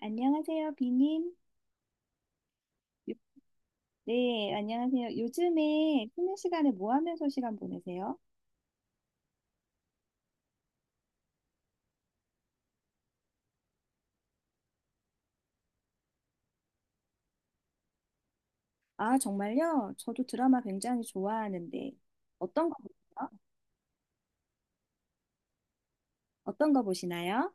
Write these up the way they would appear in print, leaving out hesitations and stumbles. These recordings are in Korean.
안녕하세요, 비님. 요- 네, 안녕하세요. 요즘에 쉬는 시간에 뭐 하면서 시간 보내세요? 아, 정말요? 저도 드라마 굉장히 좋아하는데 어떤 거 보세요? 어떤 거 보시나요?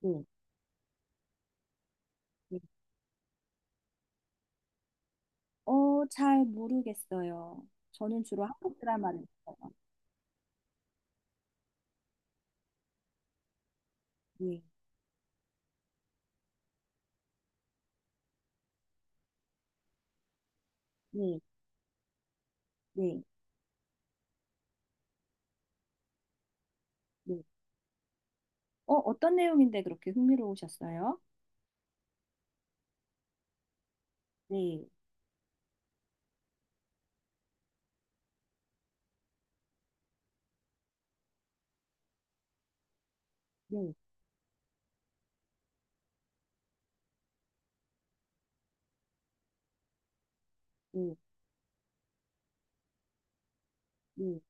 네. 네. 잘 모르겠어요. 저는 주로 한국 드라마를 봐요. 네, 네. 네. 네. 어떤 내용인데 그렇게 흥미로우셨어요? 네. 네. 네. 네.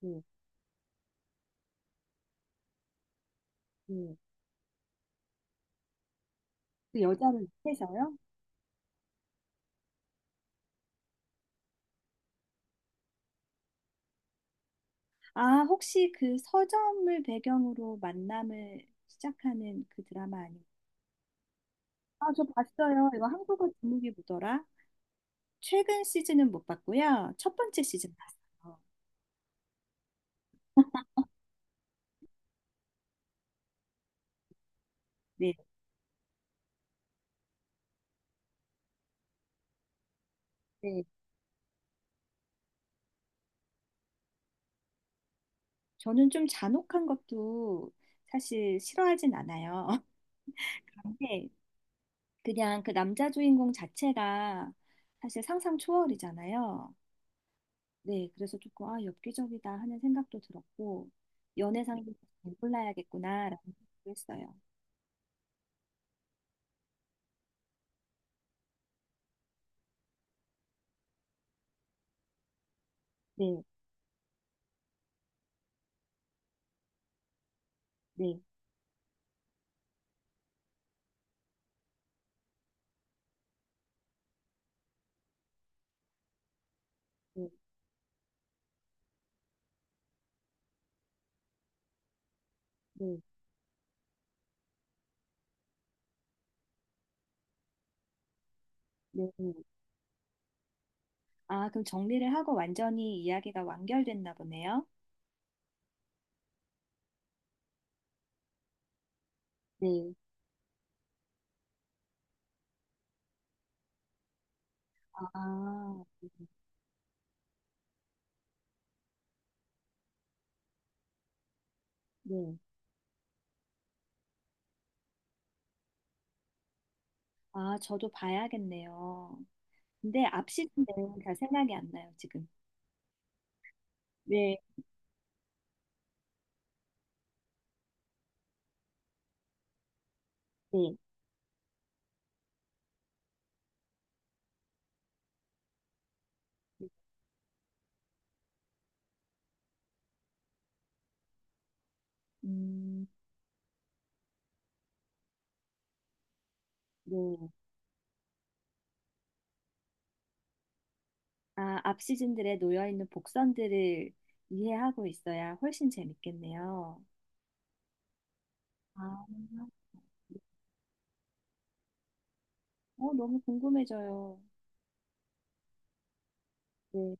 네. 네. 그 여자를 해서요? 아, 혹시 그 서점을 배경으로 만남을 시작하는 그 드라마 아닌가? 아, 저 봤어요. 이거 한국어 제목이 뭐더라? 최근 시즌은 못 봤고요. 첫 번째 시즌 봤어요. 네, 네. 저는 좀 잔혹한 것도 사실 싫어하진 않아요. 그런데 그냥 그 남자 주인공 자체가 사실 상상 초월이잖아요. 네, 그래서 조금 아, 엽기적이다 하는 생각도 들었고 연애상도 잘 골라야겠구나라는 생각도 했어요. 네. 네, 네, 네, 네. 아, 그럼 정리를 하고 완전히 이야기가 완결됐나 보네요. 네. 아, 네. 아, 저도 봐야겠네요. 근데 앞 시즌 내용은 잘 생각이 안 나요, 지금. 네, 네. 음, 네. 아, 앞 시즌들에 놓여 있는 복선들을 이해하고 있어야 훨씬 재밌겠네요. 아, 너무 궁금해져요. 네.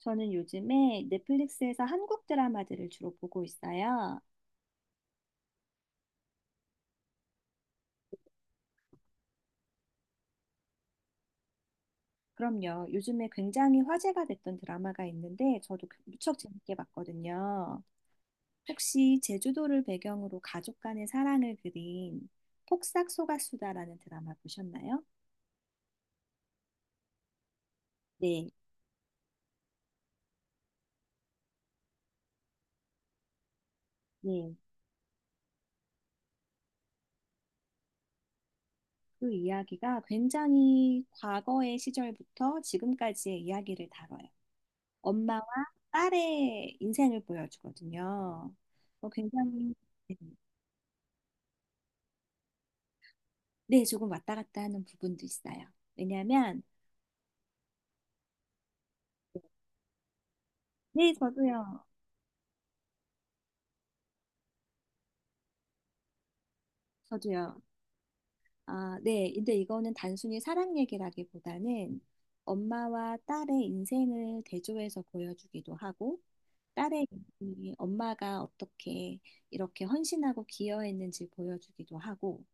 저는 요즘에 넷플릭스에서 한국 드라마들을 주로 보고 있어요. 그럼요. 요즘에 굉장히 화제가 됐던 드라마가 있는데 저도 그 무척 재밌게 봤거든요. 혹시 제주도를 배경으로 가족 간의 사랑을 그린 폭삭 소가수다라는 드라마 보셨나요? 네, 네. 그 이야기가 굉장히 과거의 시절부터 지금까지의 이야기를 다뤄요. 엄마와 딸의 인생을 보여주거든요. 어, 굉장히 네, 네, 조금 왔다 갔다 하는 부분도 있어요. 왜냐하면 네, 저도요. 저도요. 아, 네. 근데 이거는 단순히 사랑 얘기라기보다는 엄마와 딸의 인생을 대조해서 보여주기도 하고, 딸의 인생이 엄마가 어떻게 이렇게 헌신하고 기여했는지 보여주기도 하고,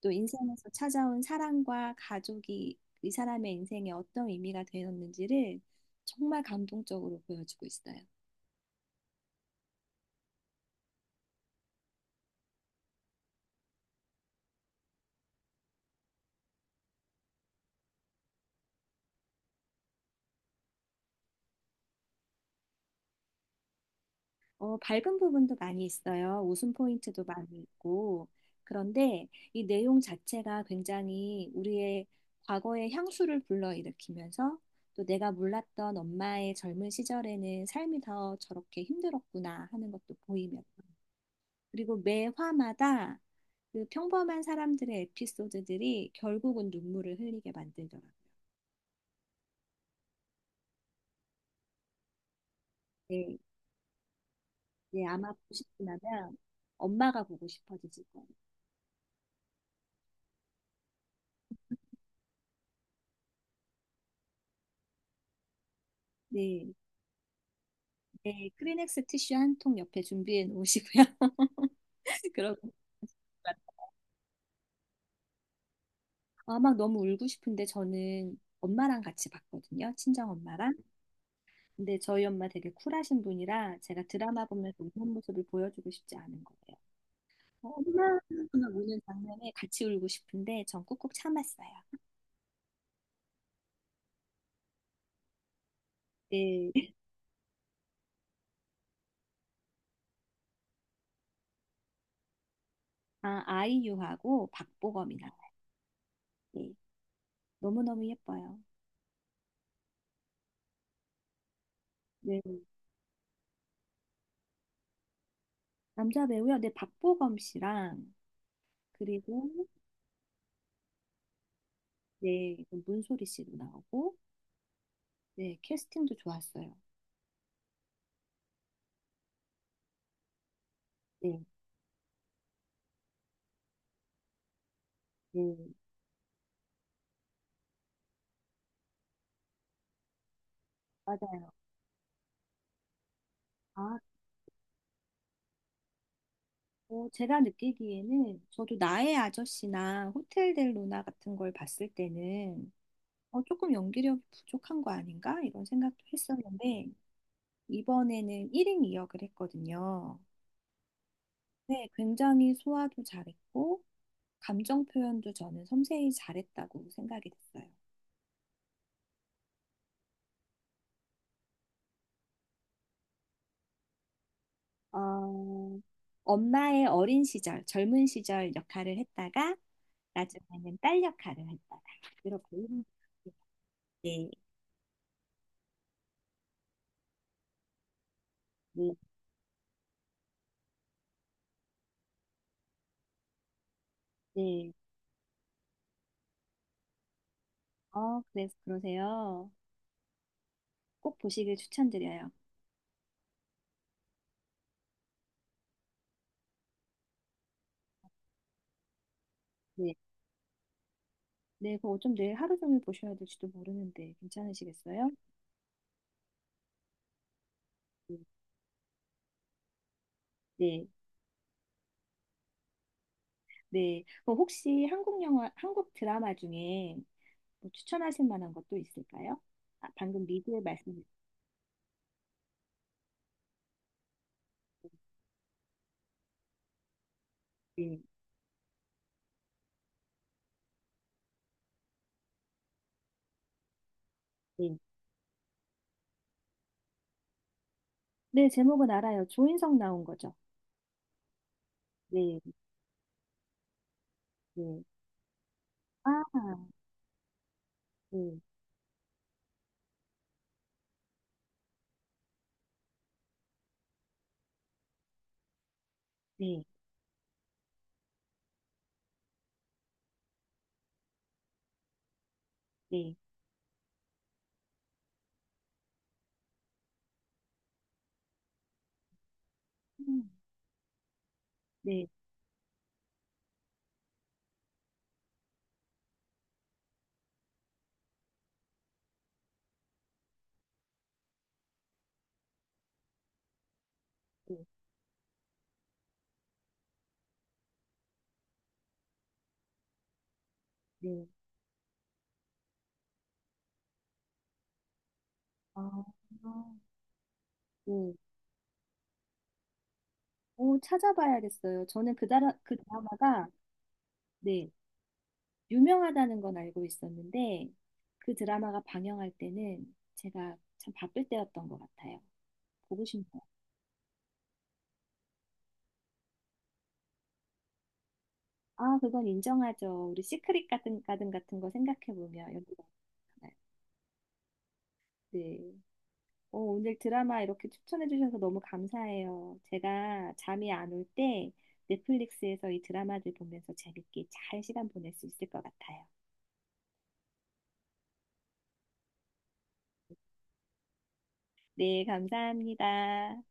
또 인생에서 찾아온 사랑과 가족이 이 사람의 인생에 어떤 의미가 되었는지를 정말 감동적으로 보여주고 있어요. 밝은 부분도 많이 있어요. 웃음 포인트도 많이 있고. 그런데 이 내용 자체가 굉장히 우리의 과거의 향수를 불러일으키면서 또 내가 몰랐던 엄마의 젊은 시절에는 삶이 더 저렇게 힘들었구나 하는 것도 보이면 서 그리고 매 화마다 그 평범한 사람들의 에피소드들이 결국은 눈물을 흘리게 만들더라고요. 네, 네, 아마 보시고 나면 엄마가 보고 싶어지실 거예요. 네. 네, 크리넥스 티슈 한 통 옆에 준비해 놓으시고요. 그러고 아, 막 너무 울고 싶은데 저는 엄마랑 같이 봤거든요. 친정 엄마랑. 근데 저희 엄마 되게 쿨하신 분이라 제가 드라마 보면서 우는 모습을 보여주고 싶지 않은 거예요. 엄마 하고 우는 장면에 같이 울고 싶은데 전 꾹꾹 참았어요. 네. 아, 아이유하고 박보검이 나와요. 네. 너무너무 예뻐요. 네. 남자 배우요. 네, 박보검 씨랑 그리고 네, 그럼 문소리 씨도 나오고, 네, 캐스팅도 좋았어요. 네, 네, 맞아요. 아, 또 제가 느끼기에는 저도 나의 아저씨나 호텔 델 루나 같은 걸 봤을 때는 조금 연기력이 부족한 거 아닌가? 이런 생각도 했었는데, 이번에는 1인 이역을 했거든요. 네, 굉장히 소화도 잘했고, 감정 표현도 저는 섬세히 잘했다고 생각이 됐어요. 어, 엄마의 어린 시절, 젊은 시절 역할을 했다가 나중에는 딸 역할을 했다가 이렇게 이름- 네, 네, 네. 그래서 그러세요. 꼭 보시길 추천드려요. 네, 네, 그거 좀 내일 하루 종일 보셔야 될지도 모르는데 괜찮으시겠어요? 네, 네. 네. 그럼 혹시 한국 영화, 한국 드라마 중에 뭐 추천하실 만한 것도 있을까요? 아, 방금 미드에 말씀, 네, 네. 네, 제목은 알아요. 조인성 나온 거죠. 네, 네. 아, 네, 네, 네, 음, 네, 네, 네. 아, 네. 오, 찾아봐야겠어요. 저는 그 드라마가, 네, 유명하다는 건 알고 있었는데, 그 드라마가 방영할 때는 제가 참 바쁠 때였던 것 같아요. 보고 싶네요. 아, 그건 인정하죠. 우리 시크릿 가든 같은 거 생각해보면 여기가. 많아요. 네. 어, 오늘 드라마 이렇게 추천해 주셔서 너무 감사해요. 제가 잠이 안 올 때 넷플릭스에서 이 드라마를 보면서 재밌게 잘 시간 보낼 수 있을 것 같아요. 네, 감사합니다.